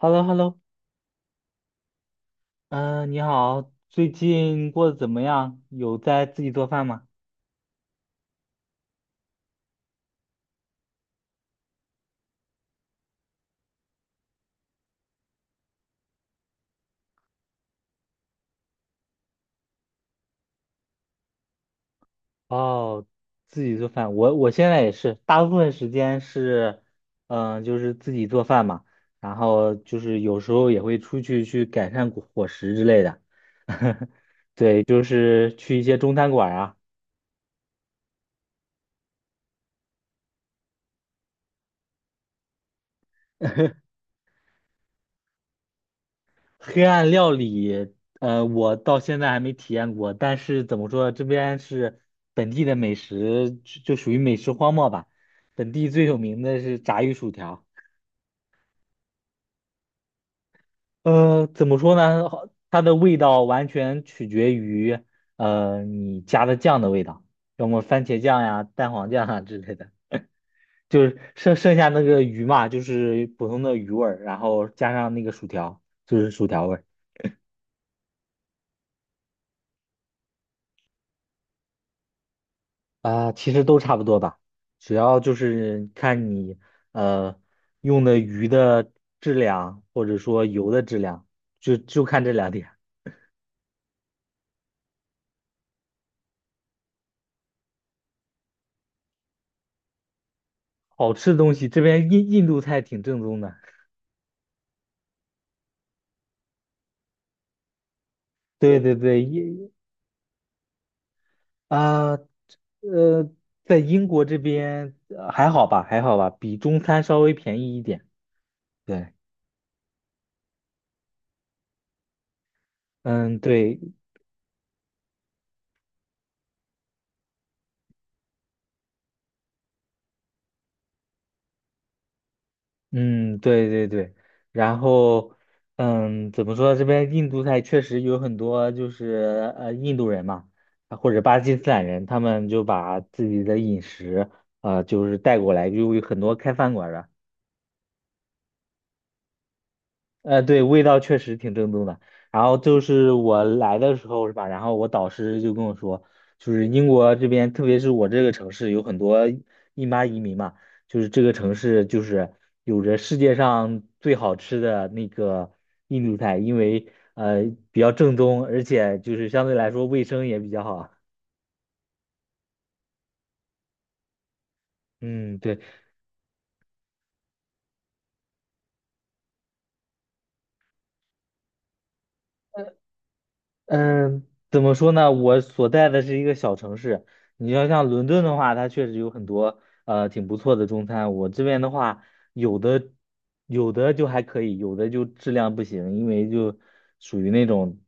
h e l l o h e l l o 嗯，你好，最近过得怎么样？有在自己做饭吗？哦，自己做饭，我现在也是，大部分时间是，嗯、就是自己做饭嘛，然后就是有时候也会出去改善伙食之类的，对，就是去一些中餐馆啊。黑暗料理，我到现在还没体验过，但是怎么说，这边是本地的美食，就属于美食荒漠吧。本地最有名的是炸鱼薯条，怎么说呢？好它的味道完全取决于，你加的酱的味道，要么番茄酱呀、蛋黄酱啊之类的。就是剩下那个鱼嘛，就是普通的鱼味儿，然后加上那个薯条，就是薯条味儿。啊，其实都差不多吧，主要就是看你呃用的鱼的质量，或者说油的质量，就看这两点。好吃的东西，这边印度菜挺正宗的。对对对，印啊呃，在英国这边还好吧，还好吧，比中餐稍微便宜一点。对，嗯，对，嗯，对对对，然后，嗯，怎么说？这边印度菜确实有很多，就是印度人嘛，啊或者巴基斯坦人，他们就把自己的饮食，就是带过来，就有很多开饭馆儿的。呃，对，味道确实挺正宗的。然后就是我来的时候是吧？然后我导师就跟我说，就是英国这边，特别是我这个城市，有很多印巴移民嘛，就是这个城市就是有着世界上最好吃的那个印度菜，因为比较正宗，而且就是相对来说卫生也比较好啊。嗯，对。嗯，怎么说呢？我所在的是一个小城市，你要像伦敦的话，它确实有很多挺不错的中餐。我这边的话，有的有的就还可以，有的就质量不行，因为就属于那种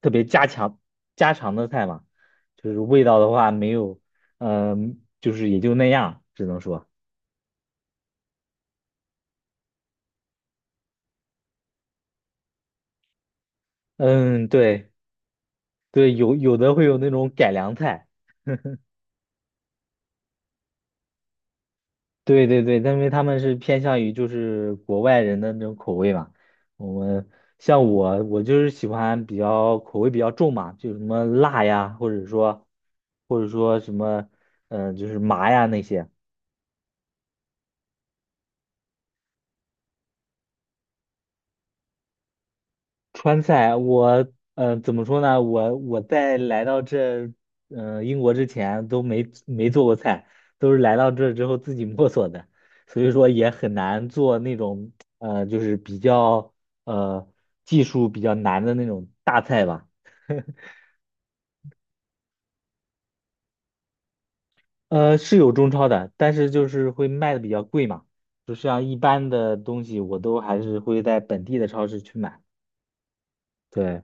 特别家常的菜嘛，就是味道的话没有，嗯、就是也就那样，只能说，嗯，对对，有的会有那种改良菜。对对对，但因为他们是偏向于就是国外人的那种口味嘛。我们像我，我就是喜欢比较口味比较重嘛，就什么辣呀，或者说什么，嗯、就是麻呀那些。川菜，我怎么说呢？我在来到这英国之前都没做过菜，都是来到这之后自己摸索的，所以说也很难做那种就是比较呃技术比较难的那种大菜吧。呃，是有中超的，但是就是会卖的比较贵嘛，就像一般的东西我都还是会在本地的超市去买。对，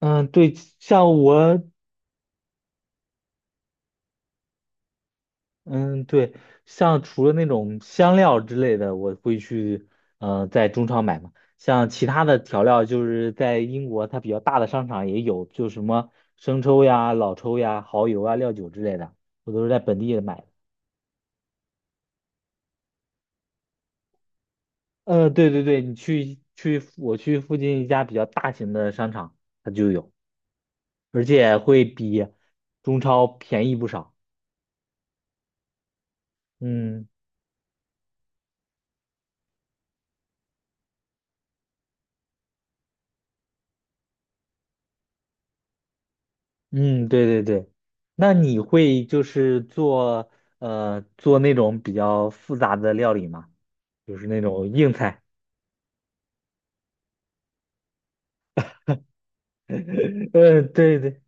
嗯，对，像我。嗯，对，像除了那种香料之类的，我会去在中超买嘛。像其他的调料，就是在英国它比较大的商场也有，就什么生抽呀、老抽呀、蚝油啊、料酒之类的，我都是在本地买的。呃，对对对，你去去我去附近一家比较大型的商场，它就有，而且会比中超便宜不少。嗯。嗯，对对对，那你会就是做做那种比较复杂的料理吗？就是那种硬菜。呃，对对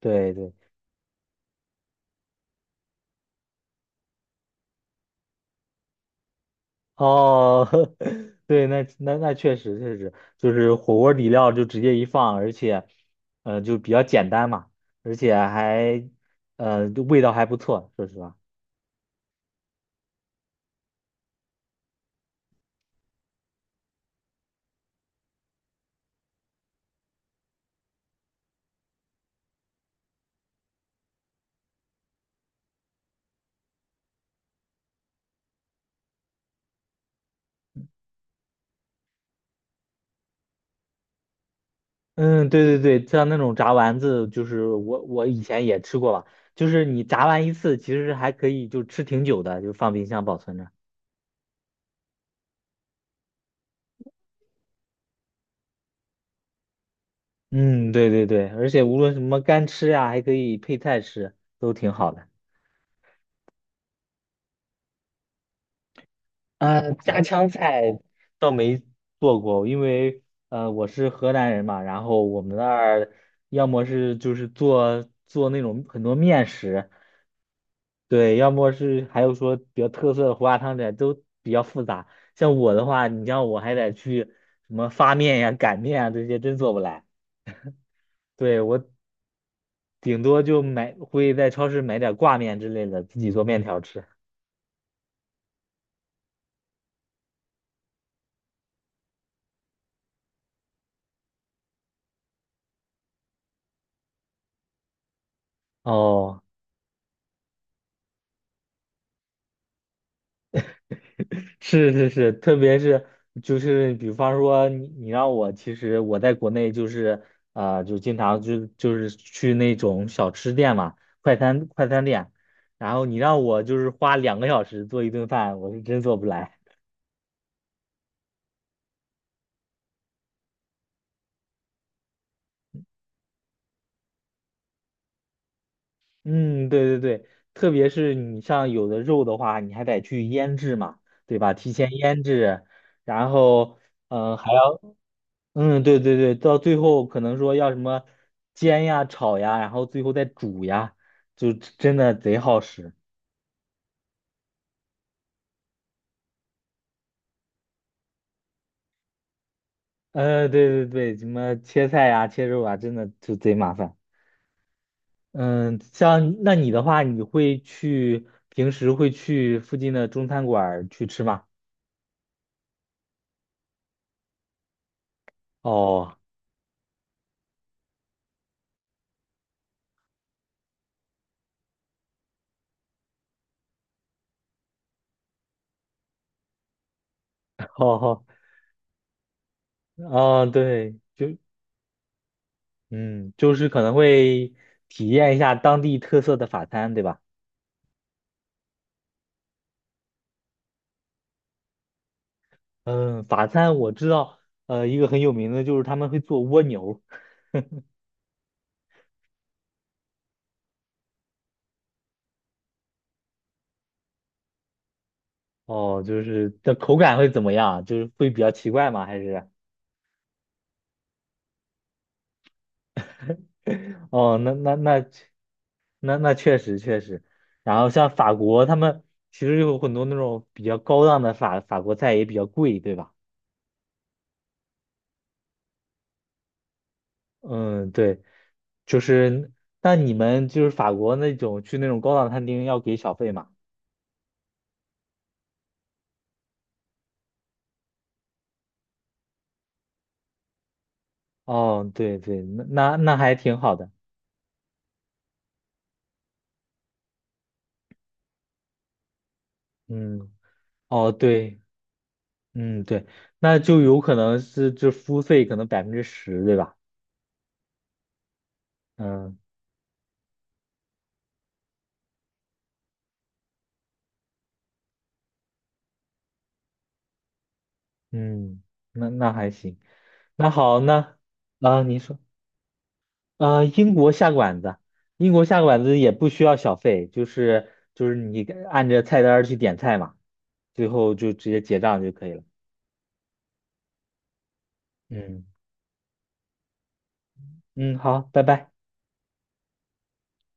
对对，哦，对，那那那确实确实，就是火锅底料就直接一放，而且就比较简单嘛，而且还就味道还不错，说实话。嗯，对对对，像那种炸丸子，就是我以前也吃过吧，就是你炸完一次，其实还可以就吃挺久的，就放冰箱保存着。嗯，对对对，而且无论什么干吃呀、还可以配菜吃，都挺好的。啊，家常菜倒没做过，因为我是河南人嘛，然后我们那儿要么是就是做那种很多面食，对，要么是还有说比较特色的胡辣汤这都比较复杂。像我的话，你像我还得去什么发面呀、擀面啊这些，真做不来。对，我顶多就买，会在超市买点挂面之类的，自己做面条吃。哦。是是是，特别是就是比方说你你让我，其实我在国内就是啊、就经常去那种小吃店嘛，快餐店，然后你让我就是花2个小时做一顿饭，我是真做不来。嗯，对对对，特别是你像有的肉的话，你还得去腌制嘛，对吧？提前腌制，然后嗯、还要。嗯，对对对，到最后可能说要什么煎呀、炒呀，然后最后再煮呀，就真的贼耗时。对对对，什么切菜呀、切肉啊，真的就贼麻烦。嗯，像那你的话，你会去平时会去附近的中餐馆儿去吃吗？哦，好好，哦，对，就嗯，就是可能会体验一下当地特色的法餐，对吧？嗯，法餐我知道，一个很有名的就是他们会做蜗牛，哦，就是的口感会怎么样？就是会比较奇怪吗？还是？哦，那确实确实。然后像法国，他们其实有很多那种比较高档的法国菜也比较贵，对吧？嗯，对，就是，那你们就是法国那种去那种高档餐厅要给小费吗？哦，对对，那那那还挺好的。嗯，哦，对。嗯，对，那就有可能是这服务费可能10%，对吧？嗯嗯，那那还行。那好，那啊，您说啊，英国下馆子，英国下馆子也不需要小费，就是就是你按着菜单儿去点菜嘛，最后就直接结账就可以了。嗯嗯，好，拜拜。